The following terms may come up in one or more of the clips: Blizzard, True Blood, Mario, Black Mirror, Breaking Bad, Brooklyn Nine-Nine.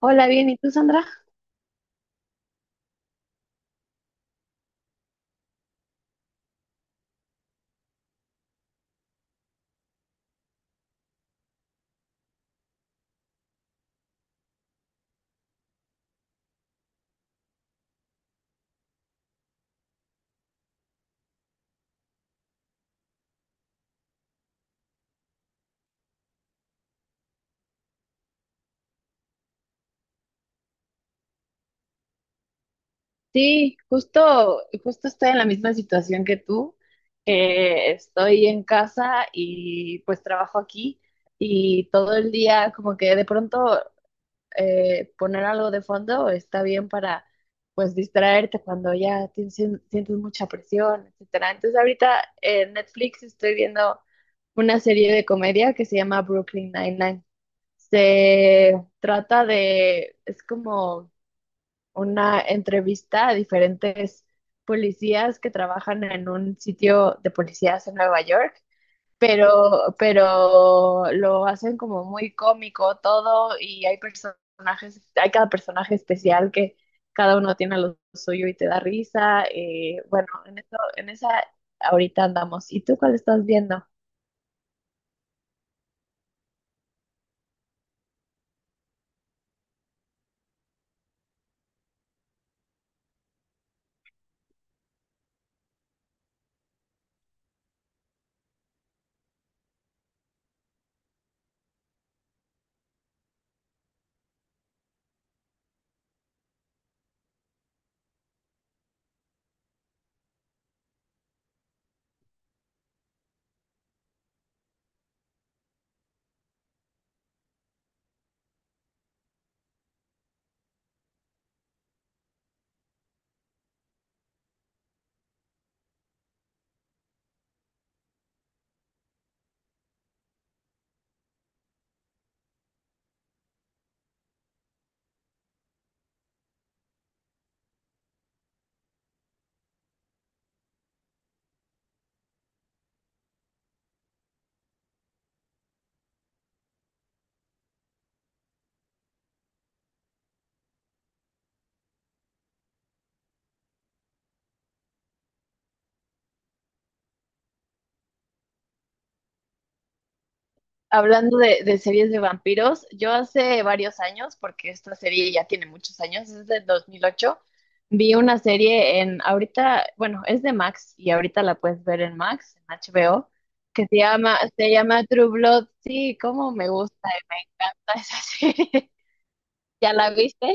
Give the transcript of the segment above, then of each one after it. Hola, bien, ¿y tú, Sandra? Sí, justo, justo estoy en la misma situación que tú, que estoy en casa y pues trabajo aquí y todo el día como que de pronto poner algo de fondo está bien para pues distraerte cuando ya sientes mucha presión, etcétera. Entonces ahorita en Netflix estoy viendo una serie de comedia que se llama Brooklyn Nine-Nine. Se trata de, es como una entrevista a diferentes policías que trabajan en un sitio de policías en Nueva York, pero lo hacen como muy cómico todo y hay personajes, hay cada personaje especial que cada uno tiene lo suyo y te da risa. Bueno, en esa ahorita andamos. ¿Y tú cuál estás viendo? Hablando de series de vampiros, yo hace varios años, porque esta serie ya tiene muchos años, es del 2008, vi una serie ahorita, bueno, es de Max y ahorita la puedes ver en Max, en HBO, que se llama True Blood. Sí, cómo me gusta, me encanta esa serie. ¿Ya la viste?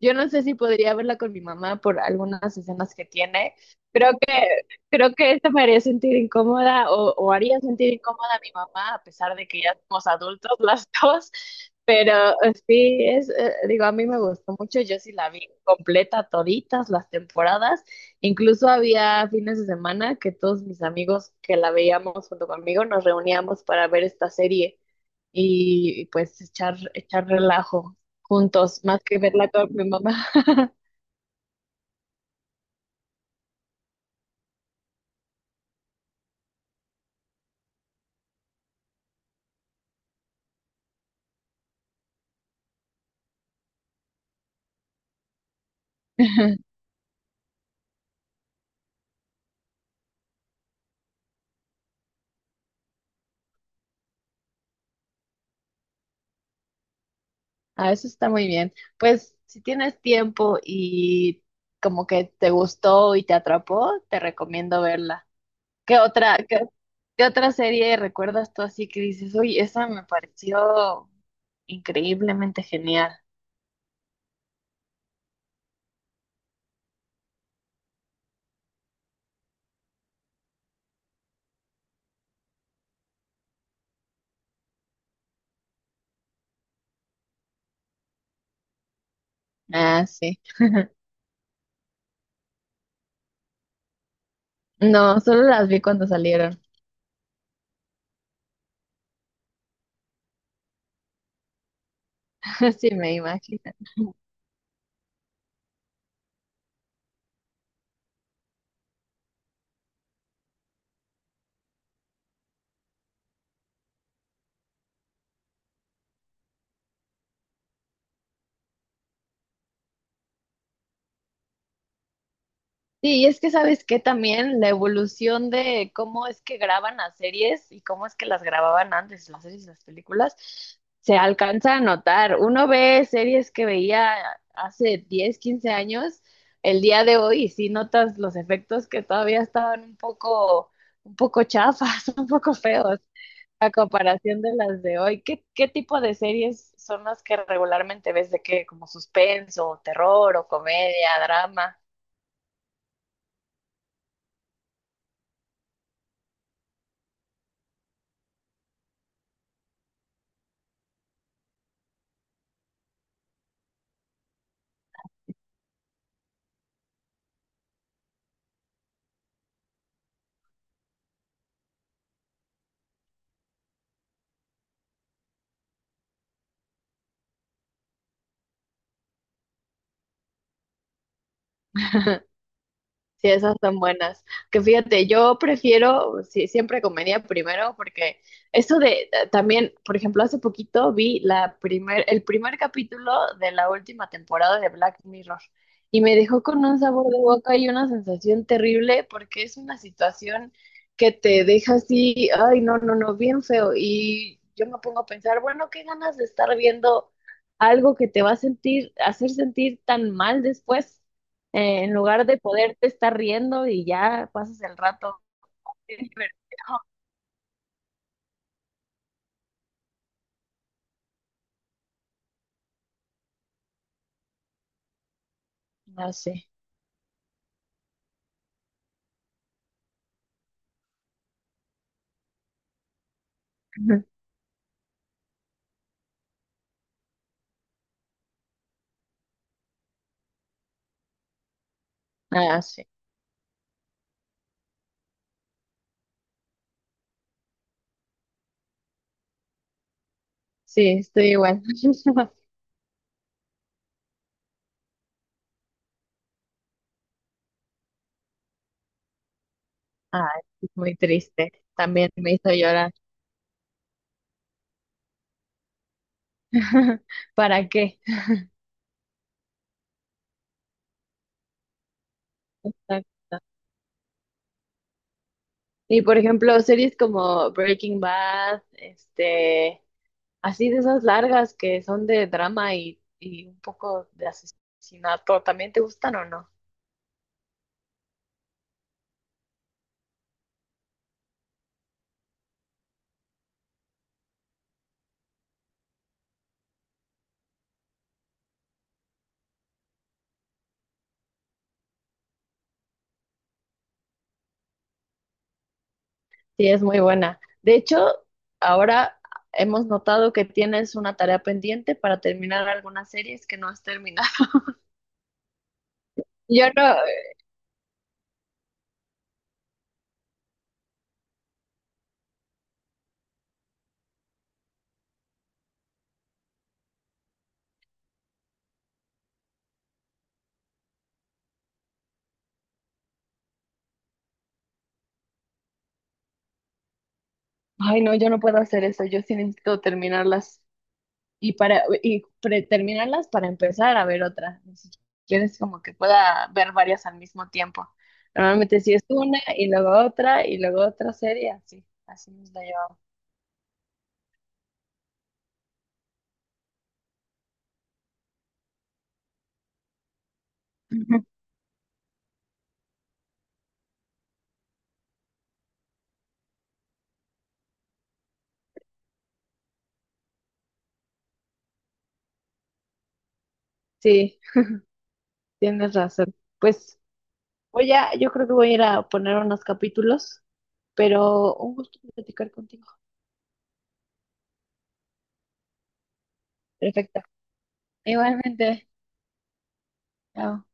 Yo no sé si podría verla con mi mamá por algunas escenas que tiene. creo Creo que esto me haría sentir incómoda o haría sentir incómoda a mi mamá, a pesar de que ya somos adultos las dos, pero sí, digo, a mí me gustó mucho, yo sí la vi completa, toditas las temporadas, incluso había fines de semana que todos mis amigos que la veíamos junto conmigo nos reuníamos para ver esta serie pues echar relajo juntos, más que verla con mi mamá. Ah, eso está muy bien. Pues si tienes tiempo y como que te gustó y te atrapó, te recomiendo verla. ¿Qué otra, qué otra serie recuerdas tú así que dices, uy, esa me pareció increíblemente genial? Ah, sí. No, solo las vi cuando salieron. Sí, me imagino. Sí, y es que sabes que también la evolución de cómo es que graban las series y cómo es que las grababan antes, las series y las películas, se alcanza a notar. Uno ve series que veía hace 10, 15 años, el día de hoy, y sí notas los efectos que todavía estaban un poco chafas, un poco feos, a comparación de las de hoy. ¿Qué, tipo de series son las que regularmente ves de qué? Como suspenso, terror o comedia, drama. Sí, esas son buenas. Que fíjate, yo prefiero, sí, siempre comedia primero, porque eso de también, por ejemplo, hace poquito vi la primer, el primer capítulo de la última temporada de Black Mirror y me dejó con un sabor de boca y una sensación terrible porque es una situación que te deja así, ay, no, no, no, bien feo. Y yo me pongo a pensar, bueno, qué ganas de estar viendo algo que te va a sentir, hacer sentir tan mal después en lugar de poderte estar riendo y ya pasas el rato bien divertido. No sé. Ujú. Ah, sí. Sí, estoy igual. Ah, es muy triste. También me hizo llorar. ¿Para qué? Y por ejemplo, series como Breaking Bad, este, así de esas largas que son de drama y un poco de asesinato, ¿también te gustan o no? Sí, es muy buena. De hecho, ahora hemos notado que tienes una tarea pendiente para terminar algunas series que no has terminado. Yo no, ay no, yo no puedo hacer eso. Yo sí necesito terminarlas y terminarlas para empezar a ver otra. Ni siquiera es como que pueda ver varias al mismo tiempo. Normalmente sí es una y luego otra serie, así, así nos la llevamos. Sí, tienes razón. Pues yo creo que voy a ir a poner unos capítulos, pero un gusto platicar contigo. Perfecto. Igualmente. Chao.